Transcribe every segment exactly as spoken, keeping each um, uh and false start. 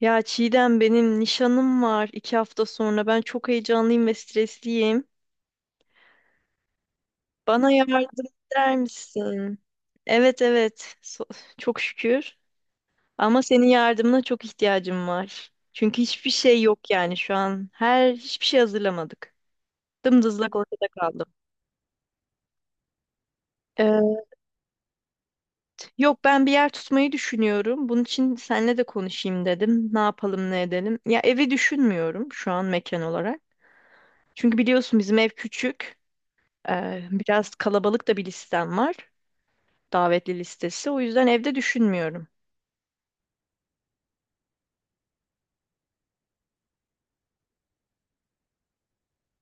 Ya Çiğdem benim nişanım var iki hafta sonra. Ben çok heyecanlıyım ve stresliyim. Bana yardım eder misin? Evet, evet, So- çok şükür. Ama senin yardımına çok ihtiyacım var. Çünkü hiçbir şey yok yani şu an. Her hiçbir şey hazırlamadık. Dımdızlak ortada kaldım. Ee, Yok, ben bir yer tutmayı düşünüyorum. Bunun için seninle de konuşayım dedim. Ne yapalım ne edelim. Ya evi düşünmüyorum şu an mekan olarak. Çünkü biliyorsun bizim ev küçük. Ee, biraz kalabalık da bir listem var. Davetli listesi. O yüzden evde düşünmüyorum.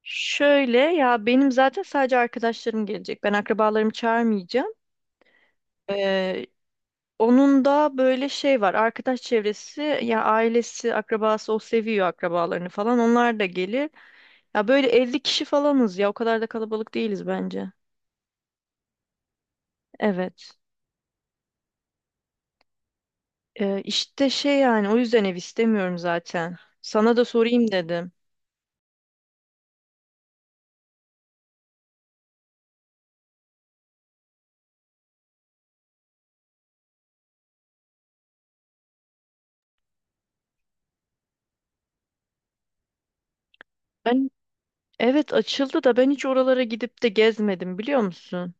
Şöyle ya, benim zaten sadece arkadaşlarım gelecek. Ben akrabalarımı çağırmayacağım. Ee, Onun da böyle şey var. Arkadaş çevresi ya ailesi, akrabası, o seviyor akrabalarını falan. Onlar da gelir. Ya böyle elli kişi falanız ya. O kadar da kalabalık değiliz bence. Evet. Ee, işte şey, yani o yüzden ev istemiyorum zaten. Sana da sorayım dedim. Ben. Evet, açıldı da ben hiç oralara gidip de gezmedim, biliyor musun?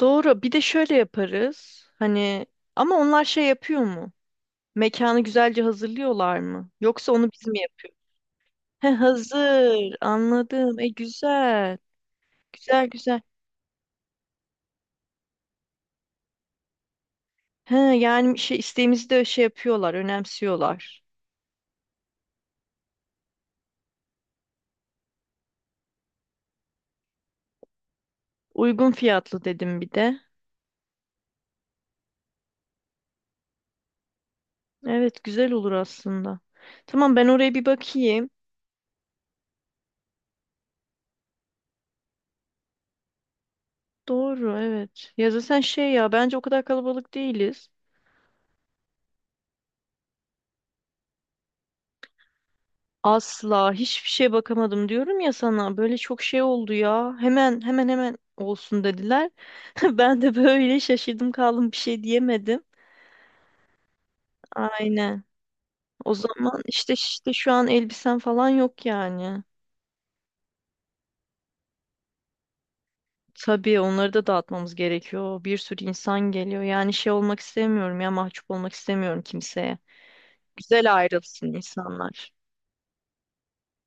Doğru. Bir de şöyle yaparız. Hani ama onlar şey yapıyor mu? Mekanı güzelce hazırlıyorlar mı? Yoksa onu biz mi yapıyoruz? He, hazır. Anladım. E güzel. Güzel güzel. He yani şey, isteğimizi de şey yapıyorlar, önemsiyorlar. Uygun fiyatlı dedim bir de. Evet, güzel olur aslında. Tamam, ben oraya bir bakayım. Doğru, evet. Ya zaten şey ya, bence o kadar kalabalık değiliz. Asla hiçbir şeye bakamadım diyorum ya sana. Böyle çok şey oldu ya. Hemen hemen hemen olsun dediler. Ben de böyle şaşırdım kaldım, bir şey diyemedim. Aynen. O zaman işte işte şu an elbisen falan yok yani. Tabii onları da dağıtmamız gerekiyor. Bir sürü insan geliyor. Yani şey olmak istemiyorum ya, mahcup olmak istemiyorum kimseye. Güzel ayrılsın insanlar.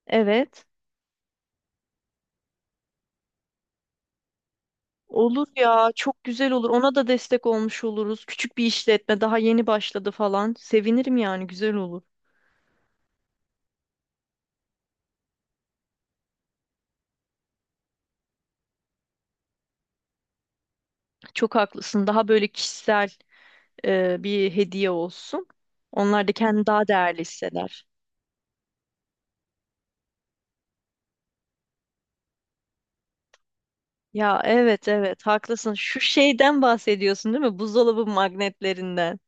Evet. Olur ya, çok güzel olur. Ona da destek olmuş oluruz. Küçük bir işletme, daha yeni başladı falan. Sevinirim yani, güzel olur. Çok haklısın. Daha böyle kişisel e, bir hediye olsun. Onlar da kendini daha değerli hisseder. Ya evet, evet, haklısın. Şu şeyden bahsediyorsun, değil mi? Buzdolabı magnetlerinden.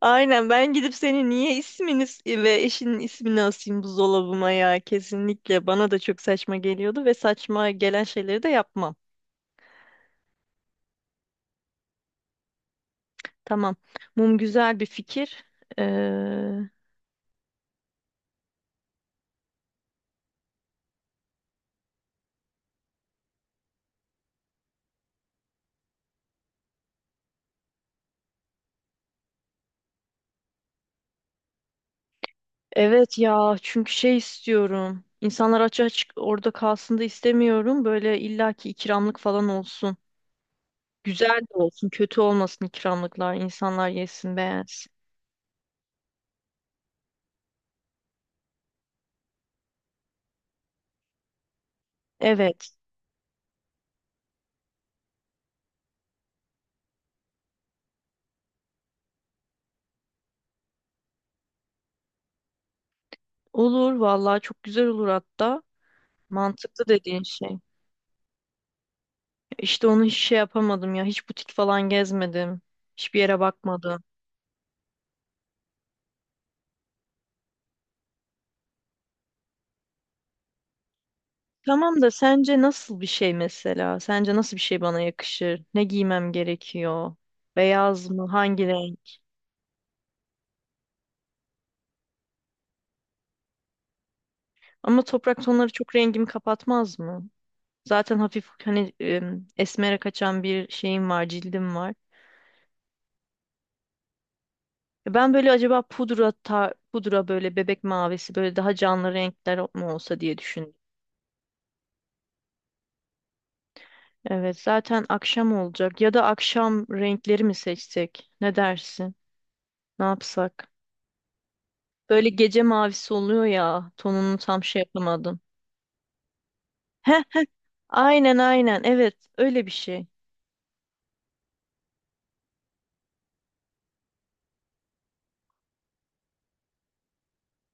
Aynen, ben gidip senin niye ismini ve eşinin ismini asayım buzdolabıma ya, kesinlikle. Bana da çok saçma geliyordu ve saçma gelen şeyleri de yapmam. Tamam. Mum güzel bir fikir. Ee, evet ya, çünkü şey istiyorum. İnsanlar aç açık orada kalsın da istemiyorum. Böyle illaki ikramlık falan olsun. Güzel de olsun, kötü olmasın ikramlıklar. İnsanlar yesin, beğensin. Evet. Olur vallahi, çok güzel olur hatta. Mantıklı dediğin şey. İşte onu hiç şey yapamadım ya. Hiç butik falan gezmedim. Hiçbir yere bakmadım. Tamam da sence nasıl bir şey mesela? Sence nasıl bir şey bana yakışır? Ne giymem gerekiyor? Beyaz mı? Hangi renk? Ama toprak tonları çok rengimi kapatmaz mı? Zaten hafif hani em, esmere kaçan bir şeyim var, cildim var. E ben böyle acaba pudra ta- pudra, böyle bebek mavisi, böyle daha canlı renkler mi olsa diye düşündüm. Evet, zaten akşam olacak ya, da akşam renkleri mi seçsek? Ne dersin? Ne yapsak? Böyle gece mavisi oluyor ya. Tonunu tam şey yapamadım. Heh, aynen aynen. Evet, öyle bir şey.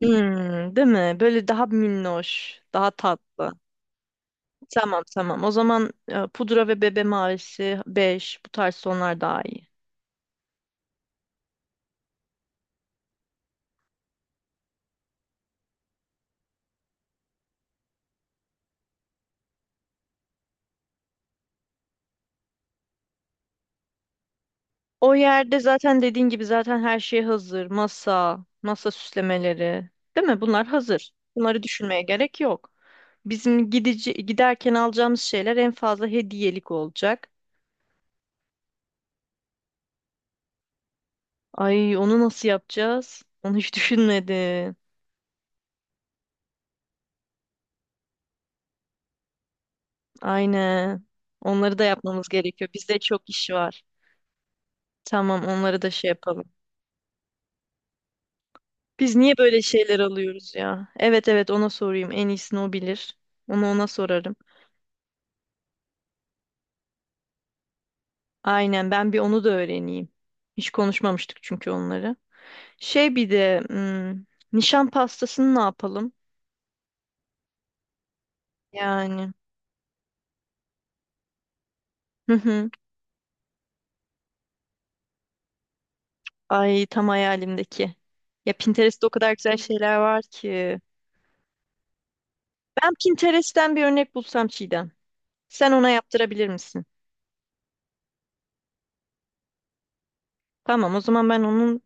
Hmm, değil mi? Böyle daha minnoş, daha tatlı. Tamam tamam. O zaman e, pudra ve bebe mavisi beş bu tarz tonlar daha iyi. O yerde zaten dediğin gibi zaten her şey hazır. Masa, masa süslemeleri. Değil mi? Bunlar hazır. Bunları düşünmeye gerek yok. Bizim gidici, giderken alacağımız şeyler en fazla hediyelik olacak. Ay, onu nasıl yapacağız? Onu hiç düşünmedim. Aynen. Onları da yapmamız gerekiyor. Bizde çok iş var. Tamam, onları da şey yapalım. Biz niye böyle şeyler alıyoruz ya? Evet, evet, ona sorayım. En iyisini o bilir. Onu ona sorarım. Aynen, ben bir onu da öğreneyim. Hiç konuşmamıştık çünkü onları. Şey bir de hmm, nişan pastasını ne yapalım? Yani. Hı hı. Ay, tam hayalimdeki. Ya Pinterest'te o kadar güzel şeyler var ki. Ben Pinterest'ten bir örnek bulsam Çiğdem. Sen ona yaptırabilir misin? Tamam, o zaman ben onun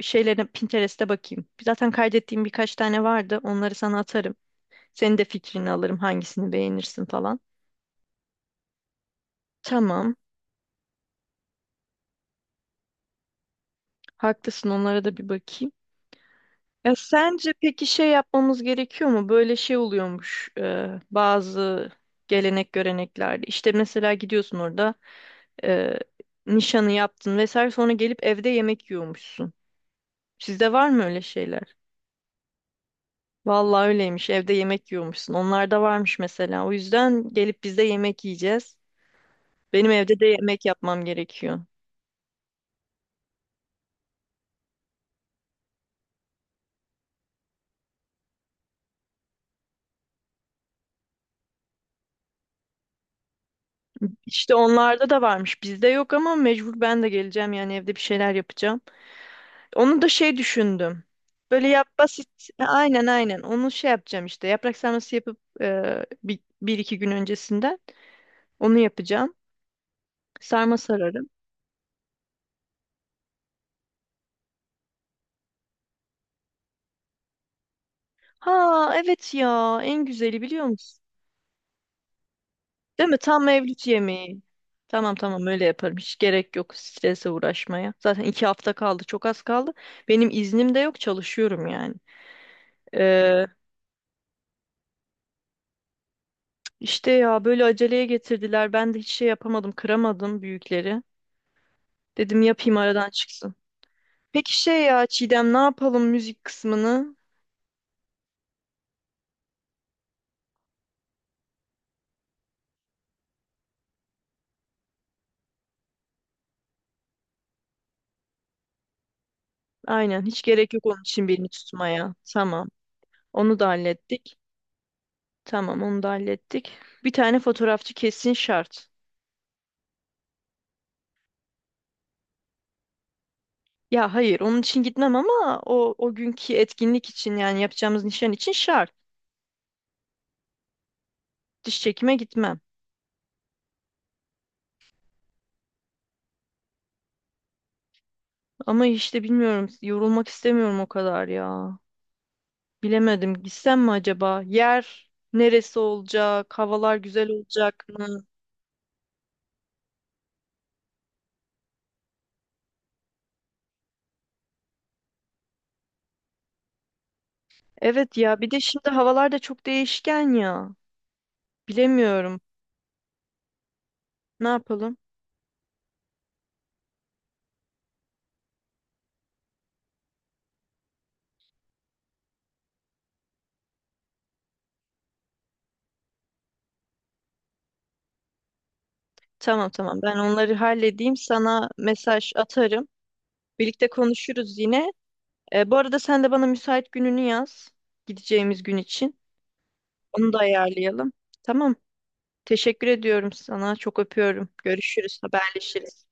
şeylerine Pinterest'te bakayım. Zaten kaydettiğim birkaç tane vardı. Onları sana atarım. Senin de fikrini alırım. Hangisini beğenirsin falan. Tamam. Haklısın. Onlara da bir bakayım. Ya sence peki şey yapmamız gerekiyor mu? Böyle şey oluyormuş e, bazı gelenek göreneklerde. İşte mesela gidiyorsun orada, e, nişanı yaptın vesaire, sonra gelip evde yemek yiyormuşsun. Sizde var mı öyle şeyler? Vallahi öyleymiş. Evde yemek yiyormuşsun. Onlar da varmış mesela. O yüzden gelip biz de yemek yiyeceğiz. Benim evde de yemek yapmam gerekiyor. İşte onlarda da varmış. Bizde yok ama mecbur ben de geleceğim yani, evde bir şeyler yapacağım. Onu da şey düşündüm. Böyle yap basit. Aynen aynen. Onu şey yapacağım işte. Yaprak sarması yapıp e, bir, bir iki gün öncesinden onu yapacağım. Sarma sararım. Ha evet ya, en güzeli biliyor musun? Değil mi? Tam mevlüt yemeği. Tamam tamam, öyle yaparım. Hiç gerek yok strese uğraşmaya. Zaten iki hafta kaldı. Çok az kaldı. Benim iznim de yok. Çalışıyorum yani. Ee, işte ya, böyle aceleye getirdiler. Ben de hiç şey yapamadım. Kıramadım büyükleri. Dedim yapayım aradan çıksın. Peki şey ya Çiğdem, ne yapalım müzik kısmını? Aynen, hiç gerek yok onun için birini tutmaya. Tamam. Onu da hallettik. Tamam, onu da hallettik. Bir tane fotoğrafçı kesin şart. Ya hayır, onun için gitmem ama o o günkü etkinlik için yani yapacağımız nişan için şart. Diş çekime gitmem. Ama işte bilmiyorum, yorulmak istemiyorum o kadar ya. Bilemedim, gitsem mi acaba? Yer neresi olacak? Havalar güzel olacak mı? Evet ya, bir de şimdi havalar da çok değişken ya. Bilemiyorum. Ne yapalım? Tamam tamam. Ben onları halledeyim. Sana mesaj atarım. Birlikte konuşuruz yine. E, bu arada sen de bana müsait gününü yaz. Gideceğimiz gün için. Onu da ayarlayalım. Tamam. Teşekkür ediyorum sana. Çok öpüyorum. Görüşürüz, haberleşiriz.